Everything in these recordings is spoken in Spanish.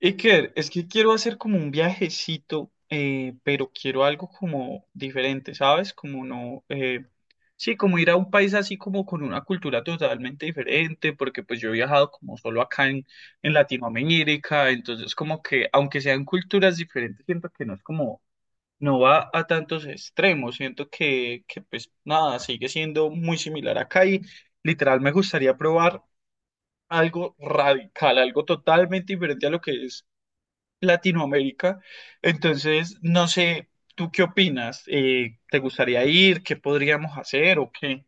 Iker, es que quiero hacer como un viajecito, pero quiero algo como diferente, ¿sabes? Como no, sí, como ir a un país así como con una cultura totalmente diferente, porque pues yo he viajado como solo acá en Latinoamérica, entonces como que aunque sean culturas diferentes, siento que no es como, no va a tantos extremos, siento que pues nada, sigue siendo muy similar acá y literal me gustaría probar algo radical, algo totalmente diferente a lo que es Latinoamérica. Entonces, no sé, ¿tú qué opinas? ¿Te gustaría ir? ¿Qué podríamos hacer o qué?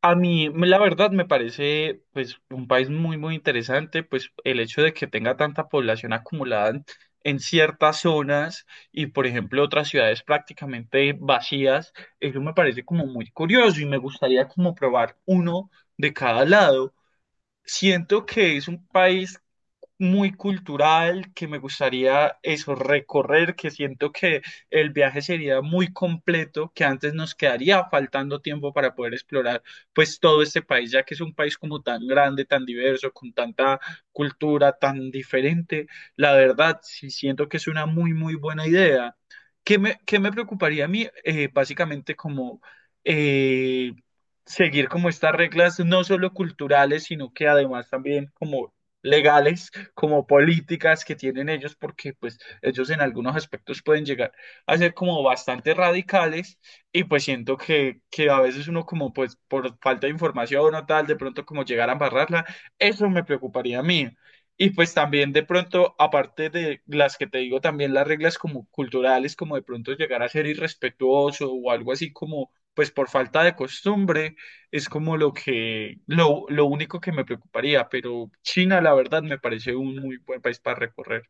A mí, la verdad, me parece pues un país muy, muy interesante, pues el hecho de que tenga tanta población acumulada en ciertas zonas y, por ejemplo, otras ciudades prácticamente vacías, eso me parece como muy curioso y me gustaría como probar uno de cada lado. Siento que es un país muy cultural, que me gustaría eso, recorrer, que siento que el viaje sería muy completo, que antes nos quedaría faltando tiempo para poder explorar pues todo este país, ya que es un país como tan grande, tan diverso, con tanta cultura tan diferente. La verdad, sí siento que es una muy, muy buena idea. ¿Qué qué me preocuparía a mí? Básicamente como... eh, seguir como estas reglas no solo culturales, sino que además también como legales como políticas que tienen ellos, porque pues ellos en algunos aspectos pueden llegar a ser como bastante radicales y pues siento que a veces uno como pues por falta de información o tal, de pronto como llegar a embarrarla, eso me preocuparía a mí. Y pues también de pronto, aparte de las que te digo, también las reglas como culturales, como de pronto llegar a ser irrespetuoso o algo así como pues por falta de costumbre es como lo que, lo único que me preocuparía, pero China, la verdad, me parece un muy buen país para recorrer.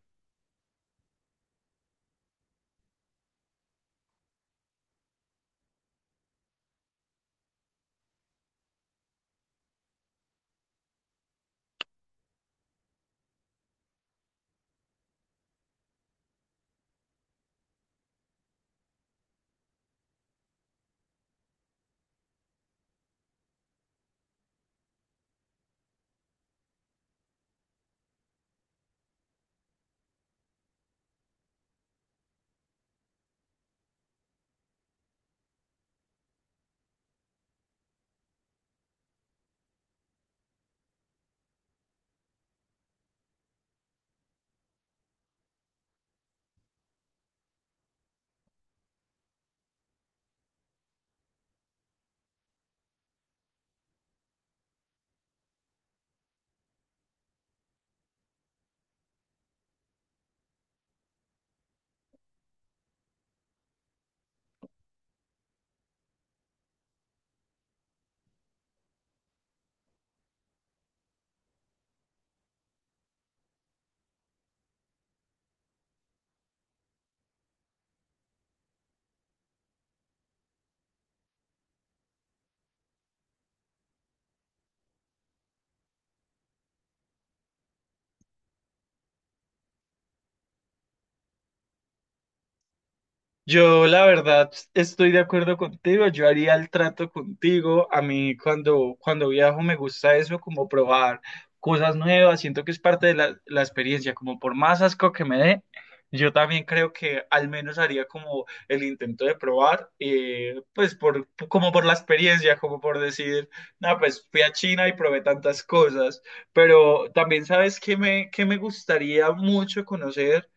Yo la verdad estoy de acuerdo contigo, yo haría el trato contigo. A mí cuando viajo me gusta eso, como probar cosas nuevas, siento que es parte de la experiencia, como por más asco que me dé, yo también creo que al menos haría como el intento de probar, pues por, como por la experiencia, como por decir, no, pues fui a China y probé tantas cosas, pero también sabes que que me gustaría mucho conocer.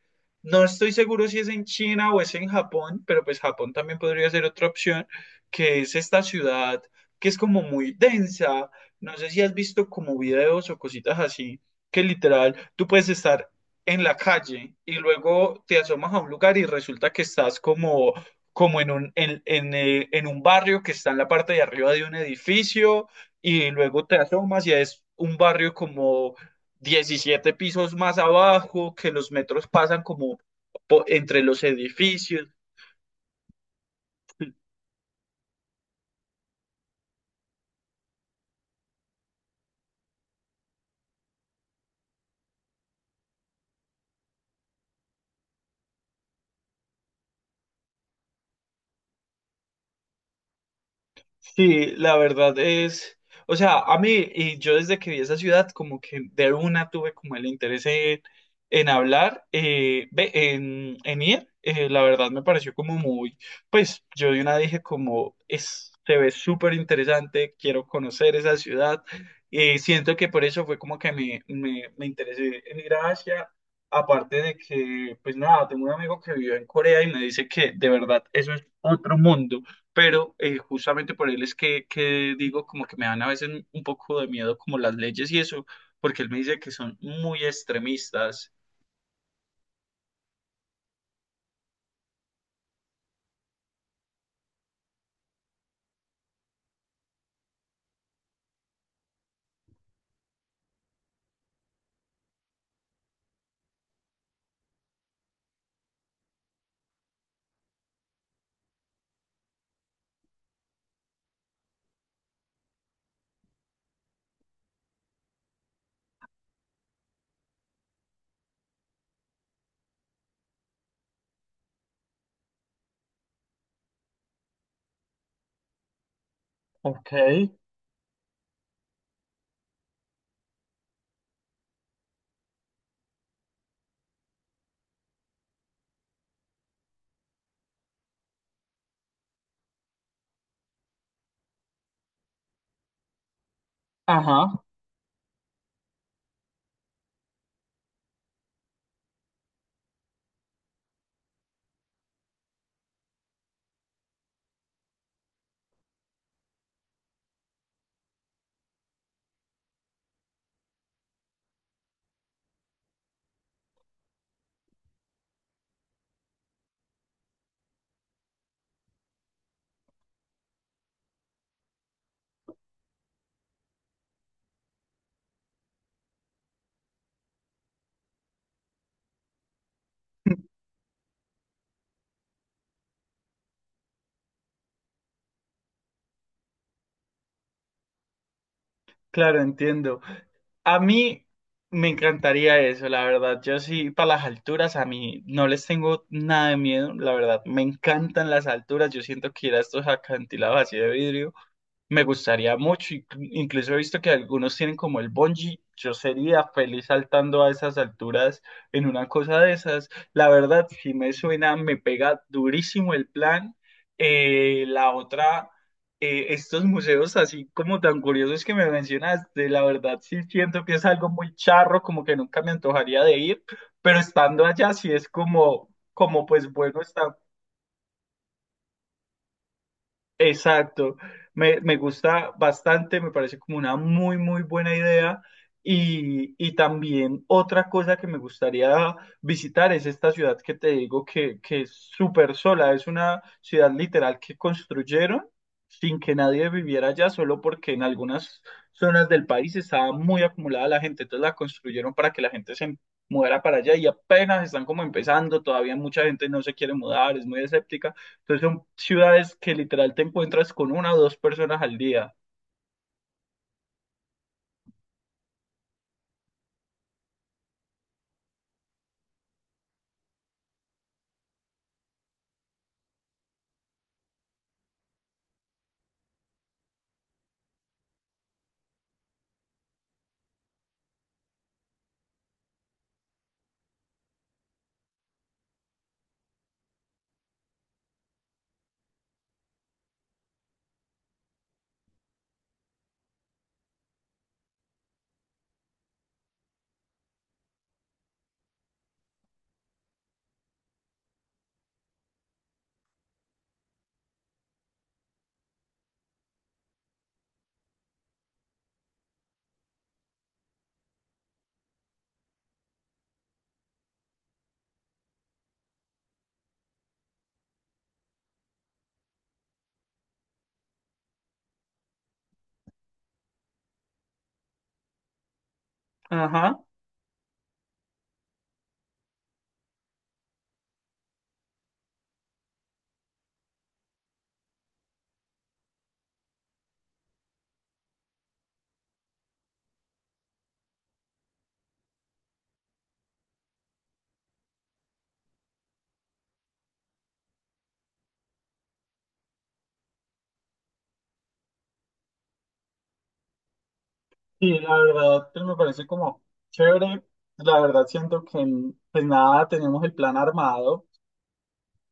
No estoy seguro si es en China o es en Japón, pero pues Japón también podría ser otra opción, que es esta ciudad que es como muy densa. No sé si has visto como videos o cositas así, que literal tú puedes estar en la calle y luego te asomas a un lugar y resulta que estás como, como en un, en un barrio que está en la parte de arriba de un edificio y luego te asomas y es un barrio como 17 pisos más abajo, que los metros pasan como entre los edificios. Sí, la verdad es, o sea, a mí y yo desde que vi esa ciudad como que de una tuve como el interés en hablar, en ir, la verdad me pareció como muy, pues yo de una dije como es, se ve súper interesante, quiero conocer esa ciudad y siento que por eso fue como que me interesé en ir a Asia, aparte de que, pues nada, tengo un amigo que vive en Corea y me dice que de verdad eso es otro mundo, pero justamente por él es que digo como que me dan a veces un poco de miedo como las leyes y eso, porque él me dice que son muy extremistas. Ok, ajá, claro, entiendo. A mí me encantaría eso, la verdad. Yo sí, para las alturas, a mí no les tengo nada de miedo, la verdad. Me encantan las alturas. Yo siento que ir a estos acantilados así de vidrio. Me gustaría mucho, incluso he visto que algunos tienen como el bungee. Yo sería feliz saltando a esas alturas en una cosa de esas. La verdad, si me suena, me pega durísimo el plan. La otra, estos museos así como tan curiosos que me mencionaste, la verdad sí siento que es algo muy charro, como que nunca me antojaría de ir, pero estando allá sí es como, como pues bueno, está. Exacto, me gusta bastante, me parece como una muy, muy buena idea. Y también otra cosa que me gustaría visitar es esta ciudad que te digo que es súper sola, es una ciudad literal que construyeron sin que nadie viviera allá, solo porque en algunas zonas del país estaba muy acumulada la gente, entonces la construyeron para que la gente se mudara para allá y apenas están como empezando, todavía mucha gente no se quiere mudar, es muy escéptica, entonces son ciudades que literal te encuentras con 1 o 2 personas al día. Ajá. Y la verdad, pues me parece como chévere. La verdad, siento que pues nada, tenemos el plan armado.